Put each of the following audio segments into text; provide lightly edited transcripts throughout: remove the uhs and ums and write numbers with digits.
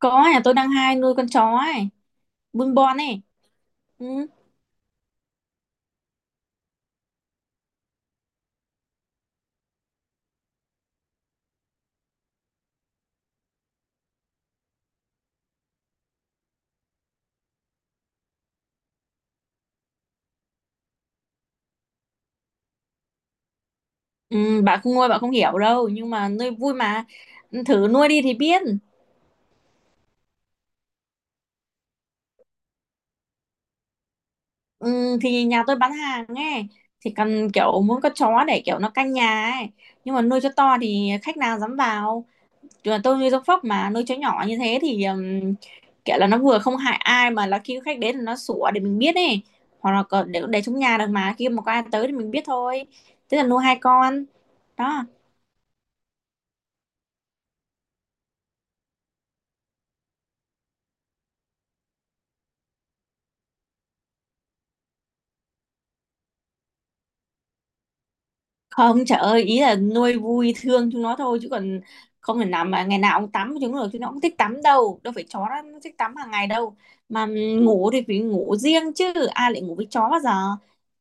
Có, nhà tôi đang hai nuôi con chó ấy, bưng bon ấy. Ừ. Ừ, bạn không nuôi bạn không hiểu đâu, nhưng mà nuôi vui mà, thử nuôi đi thì biết. Ừ, thì nhà tôi bán hàng ấy, thì cần kiểu muốn con chó để kiểu nó canh nhà ấy, nhưng mà nuôi cho to thì khách nào dám vào. Chứ là tôi nuôi giống phóc, mà nuôi chó nhỏ như thế thì kiểu là nó vừa không hại ai, mà là khi khách đến thì nó sủa để mình biết ấy, hoặc là còn để trong nhà được, mà khi mà có ai tới thì mình biết thôi, thế là nuôi hai con đó. Không, trời ơi, ý là nuôi vui thương chúng nó thôi, chứ còn không thể nào mà ngày nào cũng tắm với chúng nó được, chúng nó cũng thích tắm đâu, đâu phải chó nó thích tắm hàng ngày đâu mà. Ngủ thì phải ngủ riêng, chứ ai lại ngủ với chó bao giờ,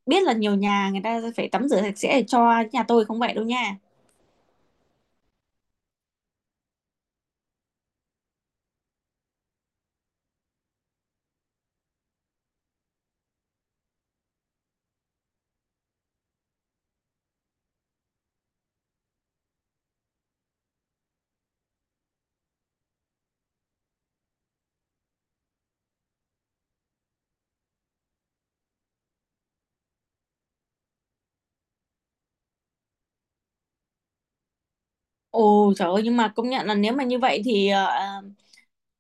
biết là nhiều nhà người ta phải tắm rửa sạch sẽ, để cho nhà tôi không vậy đâu nha. Ồ trời ơi, nhưng mà công nhận là nếu mà như vậy thì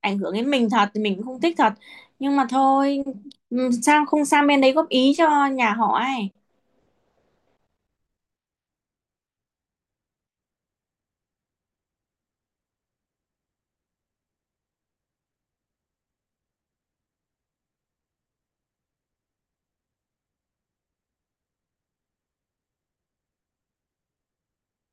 ảnh hưởng đến mình thật thì mình cũng không thích thật, nhưng mà thôi. Ừ, sao không sang bên đấy góp ý cho nhà họ ấy?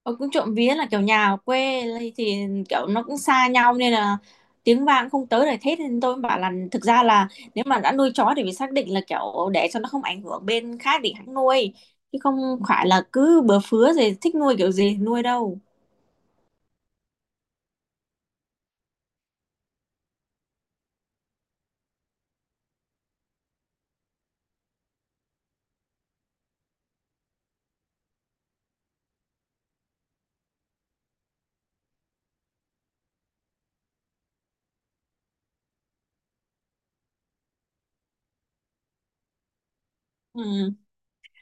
Ờ, cũng trộm vía là kiểu nhà ở quê lây thì kiểu nó cũng xa nhau nên là tiếng vang không tới để thét, nên tôi mới bảo là thực ra là nếu mà đã nuôi chó thì phải xác định là kiểu để cho nó không ảnh hưởng bên khác thì hãng nuôi, chứ không phải là cứ bừa phứa gì thích nuôi kiểu gì thì nuôi đâu. Ừ.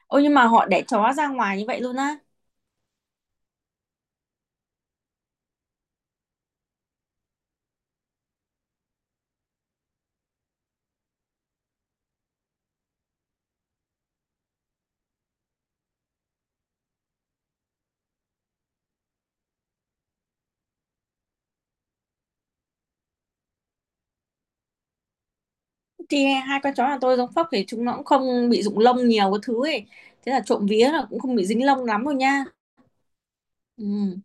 Ôi, nhưng mà họ để chó ra ngoài như vậy luôn á? Thì hai con chó nhà tôi giống phốc thì chúng nó cũng không bị rụng lông nhiều, cái thứ ấy, thế là trộm vía là cũng không bị dính lông lắm rồi nha. Ừ.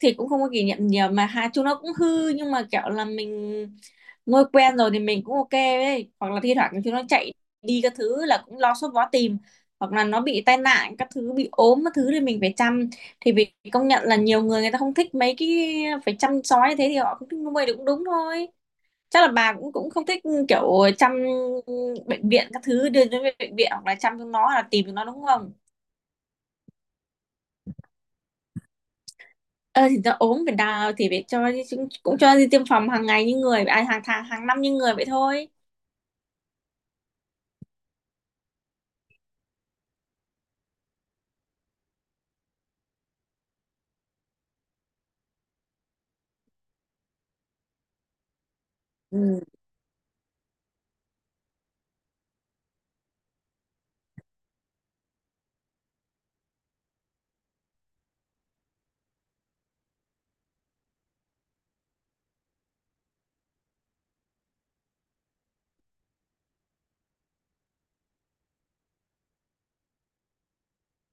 Thì cũng không có kỷ niệm nhiều, mà hai chúng nó cũng hư, nhưng mà kiểu là mình ngồi quen rồi thì mình cũng ok ấy, hoặc là thi thoảng chúng nó chạy đi các thứ là cũng lo sốt vó tìm, hoặc là nó bị tai nạn các thứ, bị ốm các thứ thì mình phải chăm. Thì vì công nhận là nhiều người người ta không thích mấy cái phải chăm sóc như thế, thì họ không thích nuôi thì cũng đúng thôi. Chắc là bà cũng cũng không thích kiểu chăm, bệnh viện các thứ, đưa đến bệnh viện hoặc là chăm chúng nó hoặc là tìm chúng nó, đúng không? Ờ thì ta ốm phải đào thì phải cho, cũng, cũng cho đi tiêm phòng hàng ngày như người à, hàng tháng hàng năm như người vậy thôi. Ừ.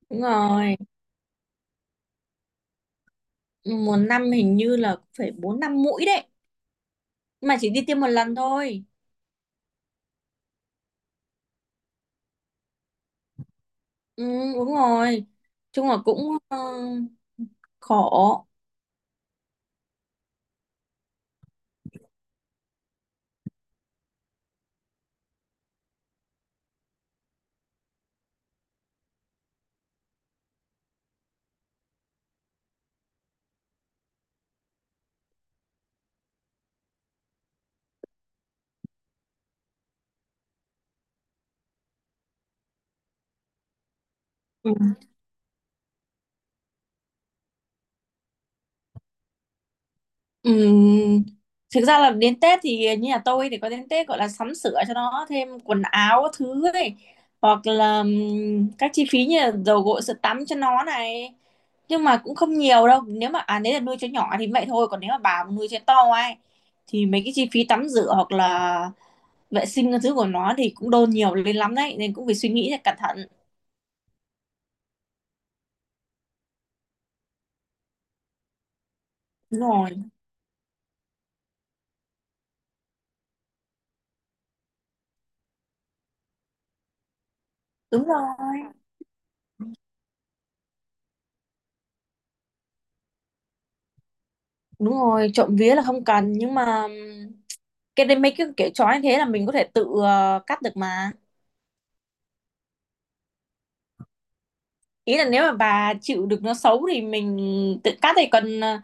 Đúng rồi, một năm hình như là cũng phải bốn năm mũi đấy. Nhưng mà chỉ đi tiêm một lần thôi. Ừ, đúng rồi, chung là cũng khổ. Ừm, Thực ra là đến Tết thì như nhà tôi thì có đến Tết, gọi là sắm sửa cho nó thêm quần áo các thứ ấy, hoặc là các chi phí như là dầu gội sữa tắm cho nó này, nhưng mà cũng không nhiều đâu, nếu mà à nếu là nuôi chó nhỏ thì vậy thôi, còn nếu mà bà mà nuôi chó to ấy thì mấy cái chi phí tắm rửa hoặc là vệ sinh các thứ của nó thì cũng đôn nhiều lên lắm đấy, nên cũng phải suy nghĩ thật cẩn thận. Đúng rồi. Đúng rồi. Đúng rồi, trộm vía là không cần, nhưng mà cái đấy mấy cái kiểu chó như thế là mình có thể tự cắt được mà. Ý là nếu mà bà chịu được nó xấu thì mình tự cắt thì còn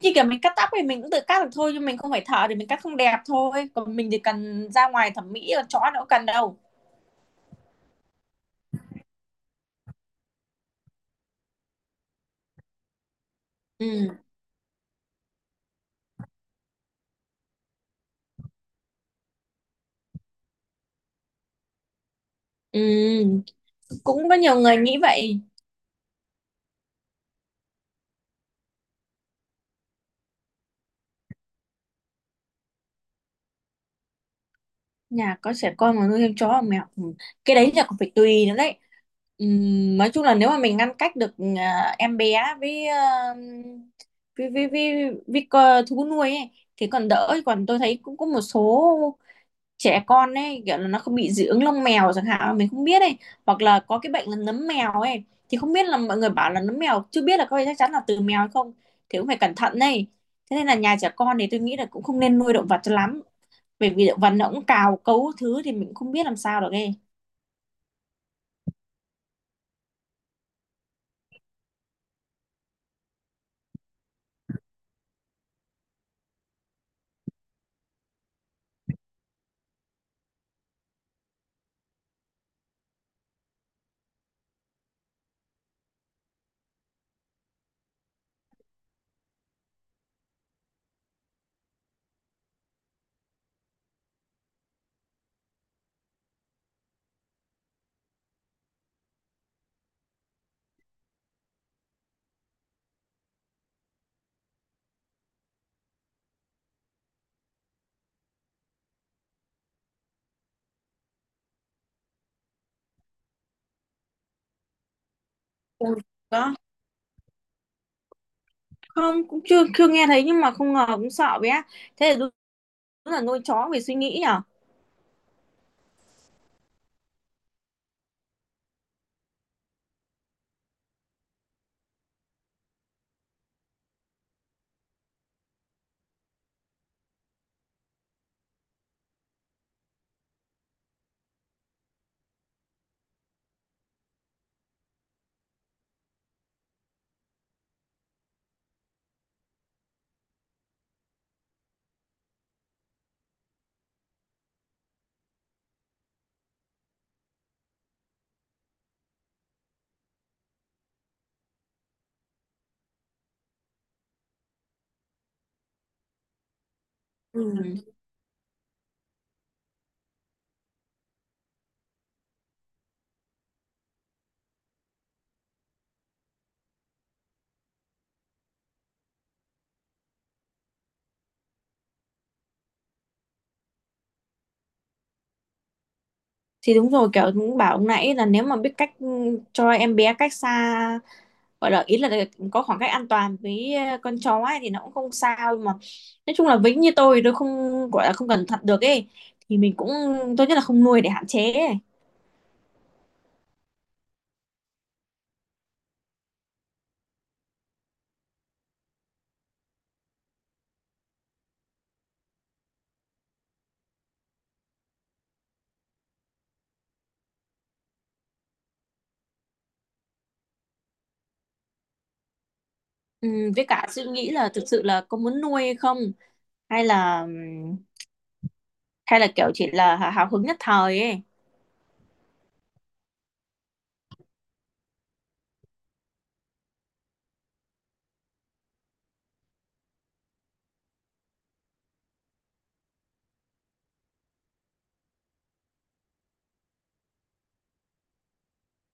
như kiểu mình cắt tóc thì mình cũng tự cắt được thôi, nhưng mình không phải thợ thì mình cắt không đẹp thôi, còn mình thì cần ra ngoài thẩm mỹ, còn chói nó cũng cần đâu. Ừ. Ừ, cũng có nhiều người nghĩ vậy. Nhà có trẻ con mà nuôi thêm chó và mèo, ừ, cái đấy là còn phải tùy nữa đấy. Nói chung là nếu mà mình ngăn cách được à, em bé với à, với thú nuôi ấy, thì còn đỡ, còn tôi thấy cũng có một số trẻ con ấy kiểu là nó không bị dị ứng lông mèo chẳng hạn, mình không biết ấy, hoặc là có cái bệnh là nấm mèo ấy, thì không biết là mọi người bảo là nấm mèo chưa biết là có phải chắc chắn là từ mèo hay không, thì cũng phải cẩn thận đây. Thế nên là nhà trẻ con thì tôi nghĩ là cũng không nên nuôi động vật cho lắm, bởi vì vần nó cũng cào cấu thứ thì mình cũng không biết làm sao được nghe. Ôi, đó, không, cũng chưa chưa nghe thấy, nhưng mà không ngờ cũng sợ bé, thế là đúng, là nuôi chó về suy nghĩ nhở. Ừ. Ừ. Thì đúng rồi, kiểu cũng bảo ông nãy là nếu mà biết cách ừ, cho em bé cách xa, gọi là ý là có khoảng cách an toàn với con chó ấy thì nó cũng không sao, nhưng mà nói chung là vĩnh như tôi không gọi là không cẩn thận được ấy, thì mình cũng tốt nhất là không nuôi để hạn chế ấy. Ừ, với cả suy nghĩ là thực sự là có muốn nuôi hay không, hay là hay là kiểu chỉ là hào hào hứng nhất thời ấy.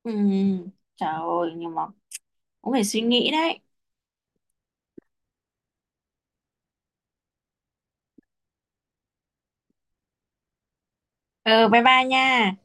Ừ trời ơi, nhưng mà cũng phải suy nghĩ đấy. Ừ, bye bye nha.